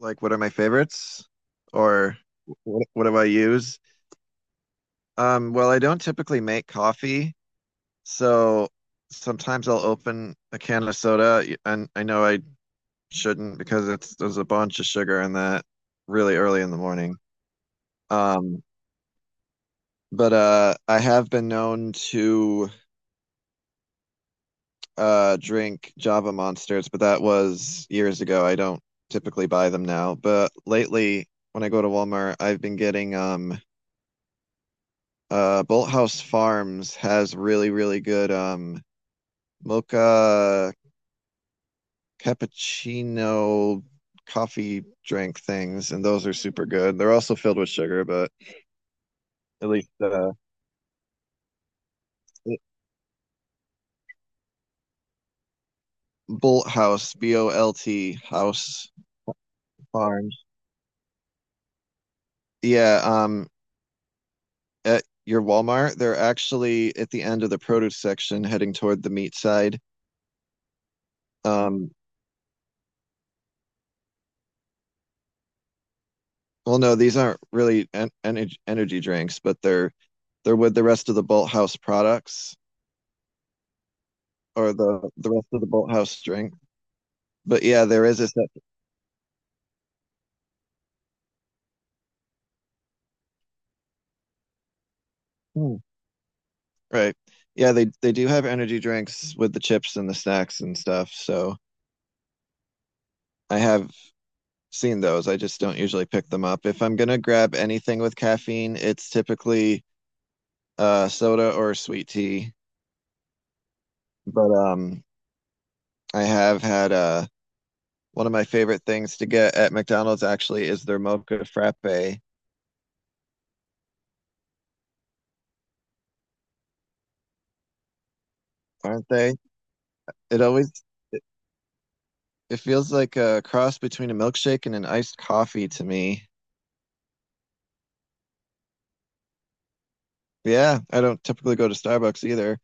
Like what are my favorites? Or what do I use? Well, I don't typically make coffee, so sometimes I'll open a can of soda, and I know I shouldn't because it's there's a bunch of sugar in that really early in the morning. Um, but I have been known to drink Java Monsters, but that was years ago. I don't typically buy them now, but lately when I go to Walmart, I've been getting Bolthouse Farms has really, really good mocha cappuccino coffee drink things, and those are super good. They're also filled with sugar, but at least Bolt House, Bolt House Farms. Yeah, at your Walmart, they're actually at the end of the produce section heading toward the meat side. Um well no, these aren't really en energy energy drinks, but they're with the rest of the Bolt House products. Or the rest of the Bolt House drink. But yeah, there is a set. Hmm. Right. Yeah, they do have energy drinks with the chips and the snacks and stuff. So I have seen those. I just don't usually pick them up. If I'm gonna grab anything with caffeine, it's typically soda or sweet tea. But I have had one of my favorite things to get at McDonald's actually is their mocha frappe. Aren't they? It always it it feels like a cross between a milkshake and an iced coffee to me. Yeah, I don't typically go to Starbucks either.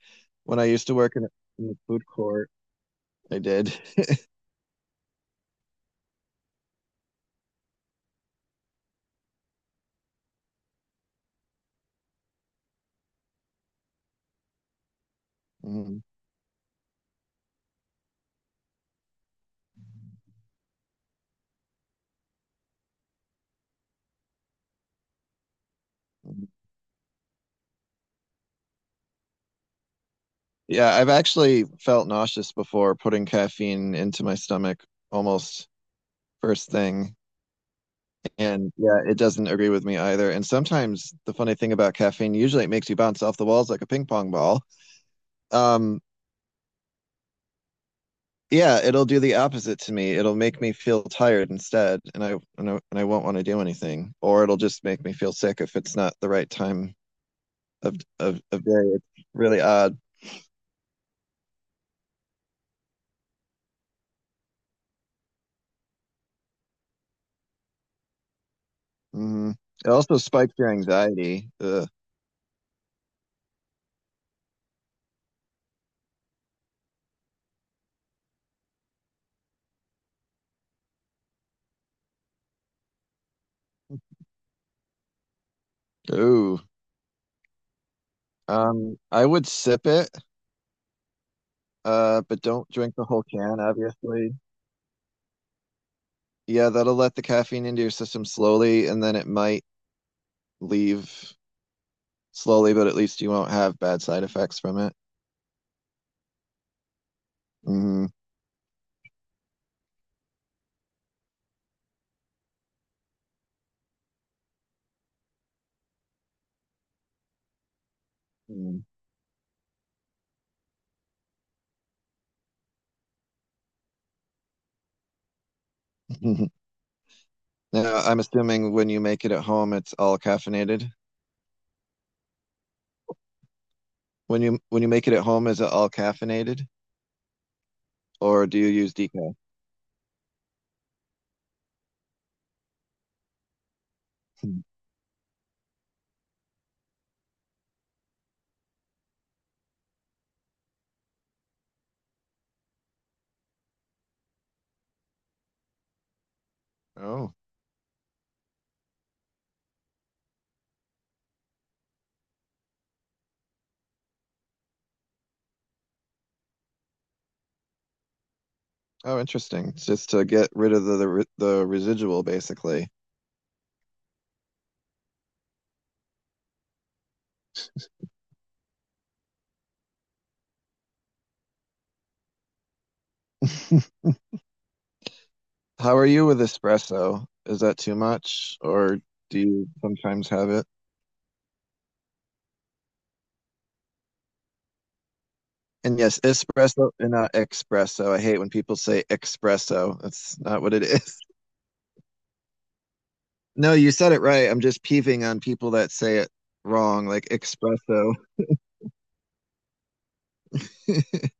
When I used to in the food court, I did. Mhm. Yeah, I've actually felt nauseous before putting caffeine into my stomach almost first thing. And yeah, it doesn't agree with me either. And sometimes the funny thing about caffeine, usually it makes you bounce off the walls like a ping pong ball. Um, yeah, it'll do the opposite to me. It'll make me feel tired instead, and I won't want to do anything, or it'll just make me feel sick if it's not the right time of day. It's really odd. Hmm. It also spikes your anxiety. Ugh. Ooh. I would sip it, but don't drink the whole can, obviously. Yeah, that'll let the caffeine into your system slowly, and then it might leave slowly, but at least you won't have bad side effects from it. Hmm. Now, I'm assuming when you make it at home, it's all caffeinated. When you make it at home, is it all caffeinated, or do you use decaf? Hmm. Oh. Oh, interesting. It's just to get rid of the residual, basically. How are you with espresso? Is that too much, or do you sometimes have it? And yes, espresso and not espresso. I hate when people say espresso. That's not what it is. No, you said it right. I'm just peeving on people that say it wrong, like espresso.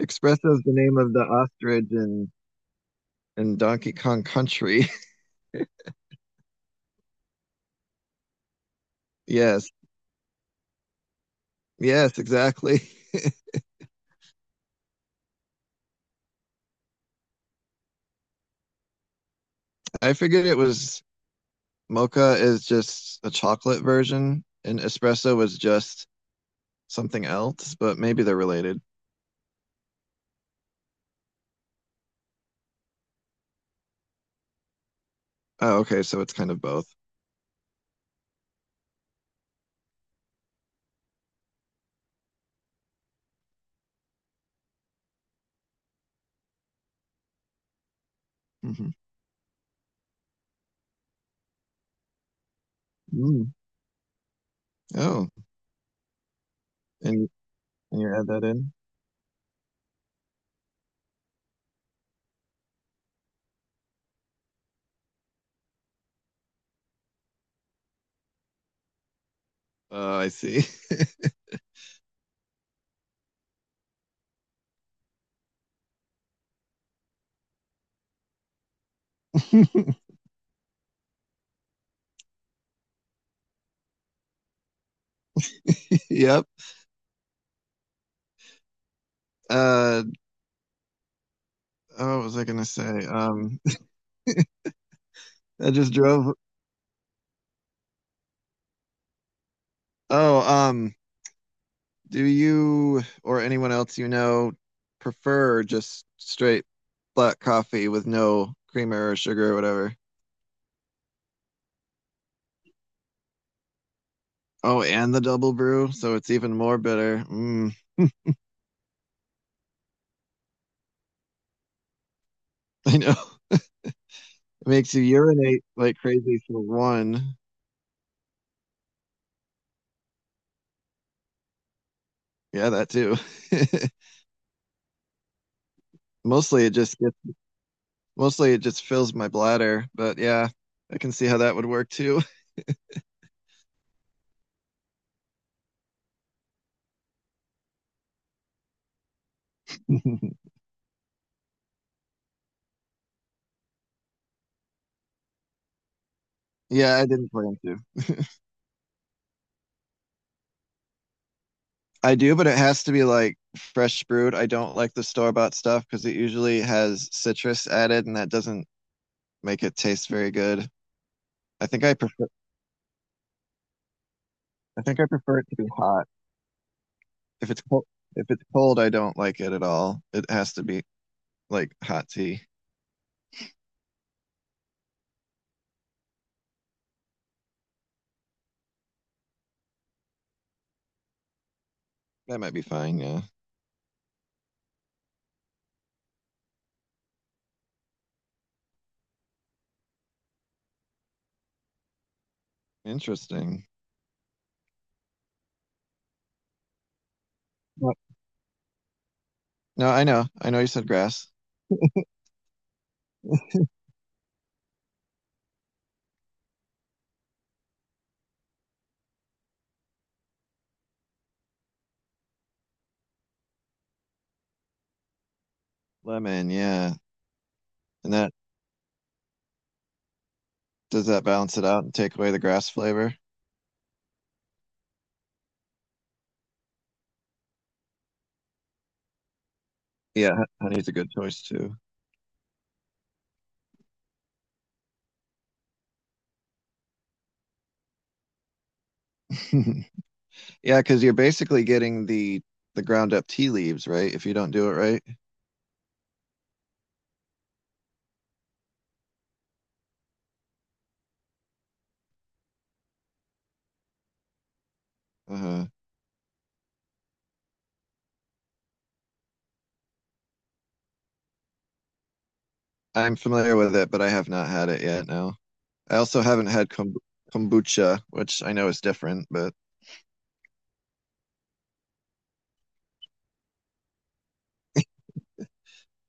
Espresso is the name of the ostrich in Donkey Kong Country. Yes, yes, exactly. I figured it was. Mocha is just a chocolate version, and espresso was just something else, but maybe they're related. Oh, okay, so it's kind of both. Hmm. Mm. Oh, and, and you add that in? I see. Yep. Uh, oh, what was I gonna say? I just drove. Oh, do you or anyone else you know prefer just straight black coffee with no creamer or sugar or whatever? Oh, and the double brew, so it's even more bitter. Mm. I know. It makes you urinate like crazy for one. Yeah, that too. Mostly it just gets, mostly it just fills my bladder, but yeah, I can see how that would work too. Yeah, I didn't plan to. I do, but it has to be like fresh brewed. I don't like the store-bought stuff because it usually has citrus added and that doesn't make it taste very good. I think I prefer I think I prefer it to be hot. If it's cold, if it's cold, I don't like it at all. It has to be like hot tea. That might be fine. Yeah. Interesting. No, no, I know. I know you said grass. Lemon. Yeah. And that, does that balance it out and take away the grass flavor? Yeah, ho- honey's a good choice too. Yeah, because you're basically getting the ground up tea leaves, right? If you don't do it right. Uh-huh. I'm familiar with it, but I have not had it yet. No. I also haven't had kombucha, which I know is different, but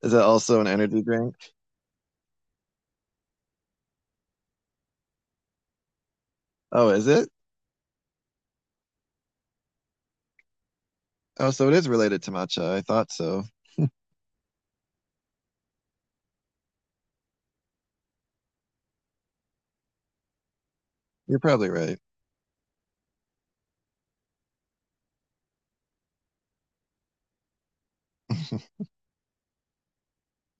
is that also an energy drink? Oh, is it? Oh, so it is related to matcha. I thought so. You're probably right.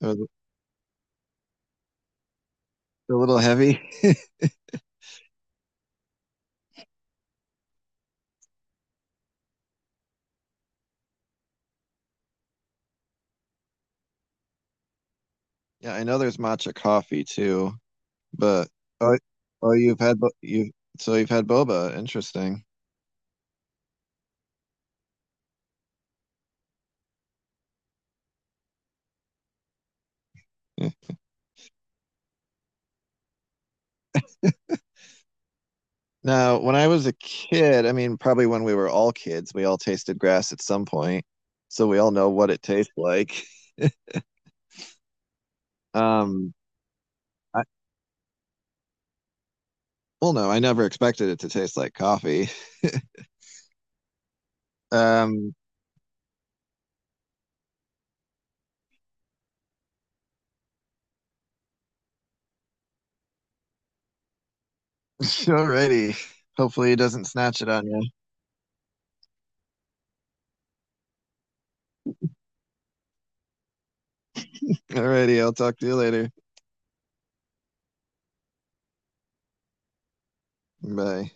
They're a little heavy. Yeah, I know there's matcha coffee too, but oh, oh, you've had bo- you so you've had boba. Interesting. Yeah. Now, when I was a kid, I mean, probably when we were all kids, we all tasted grass at some point, so we all know what it tastes like. Um, I, well, no, I never expected it to taste like coffee. Um, Alrighty. Hopefully, it doesn't snatch it on you. Alrighty, I'll talk to you later. Bye.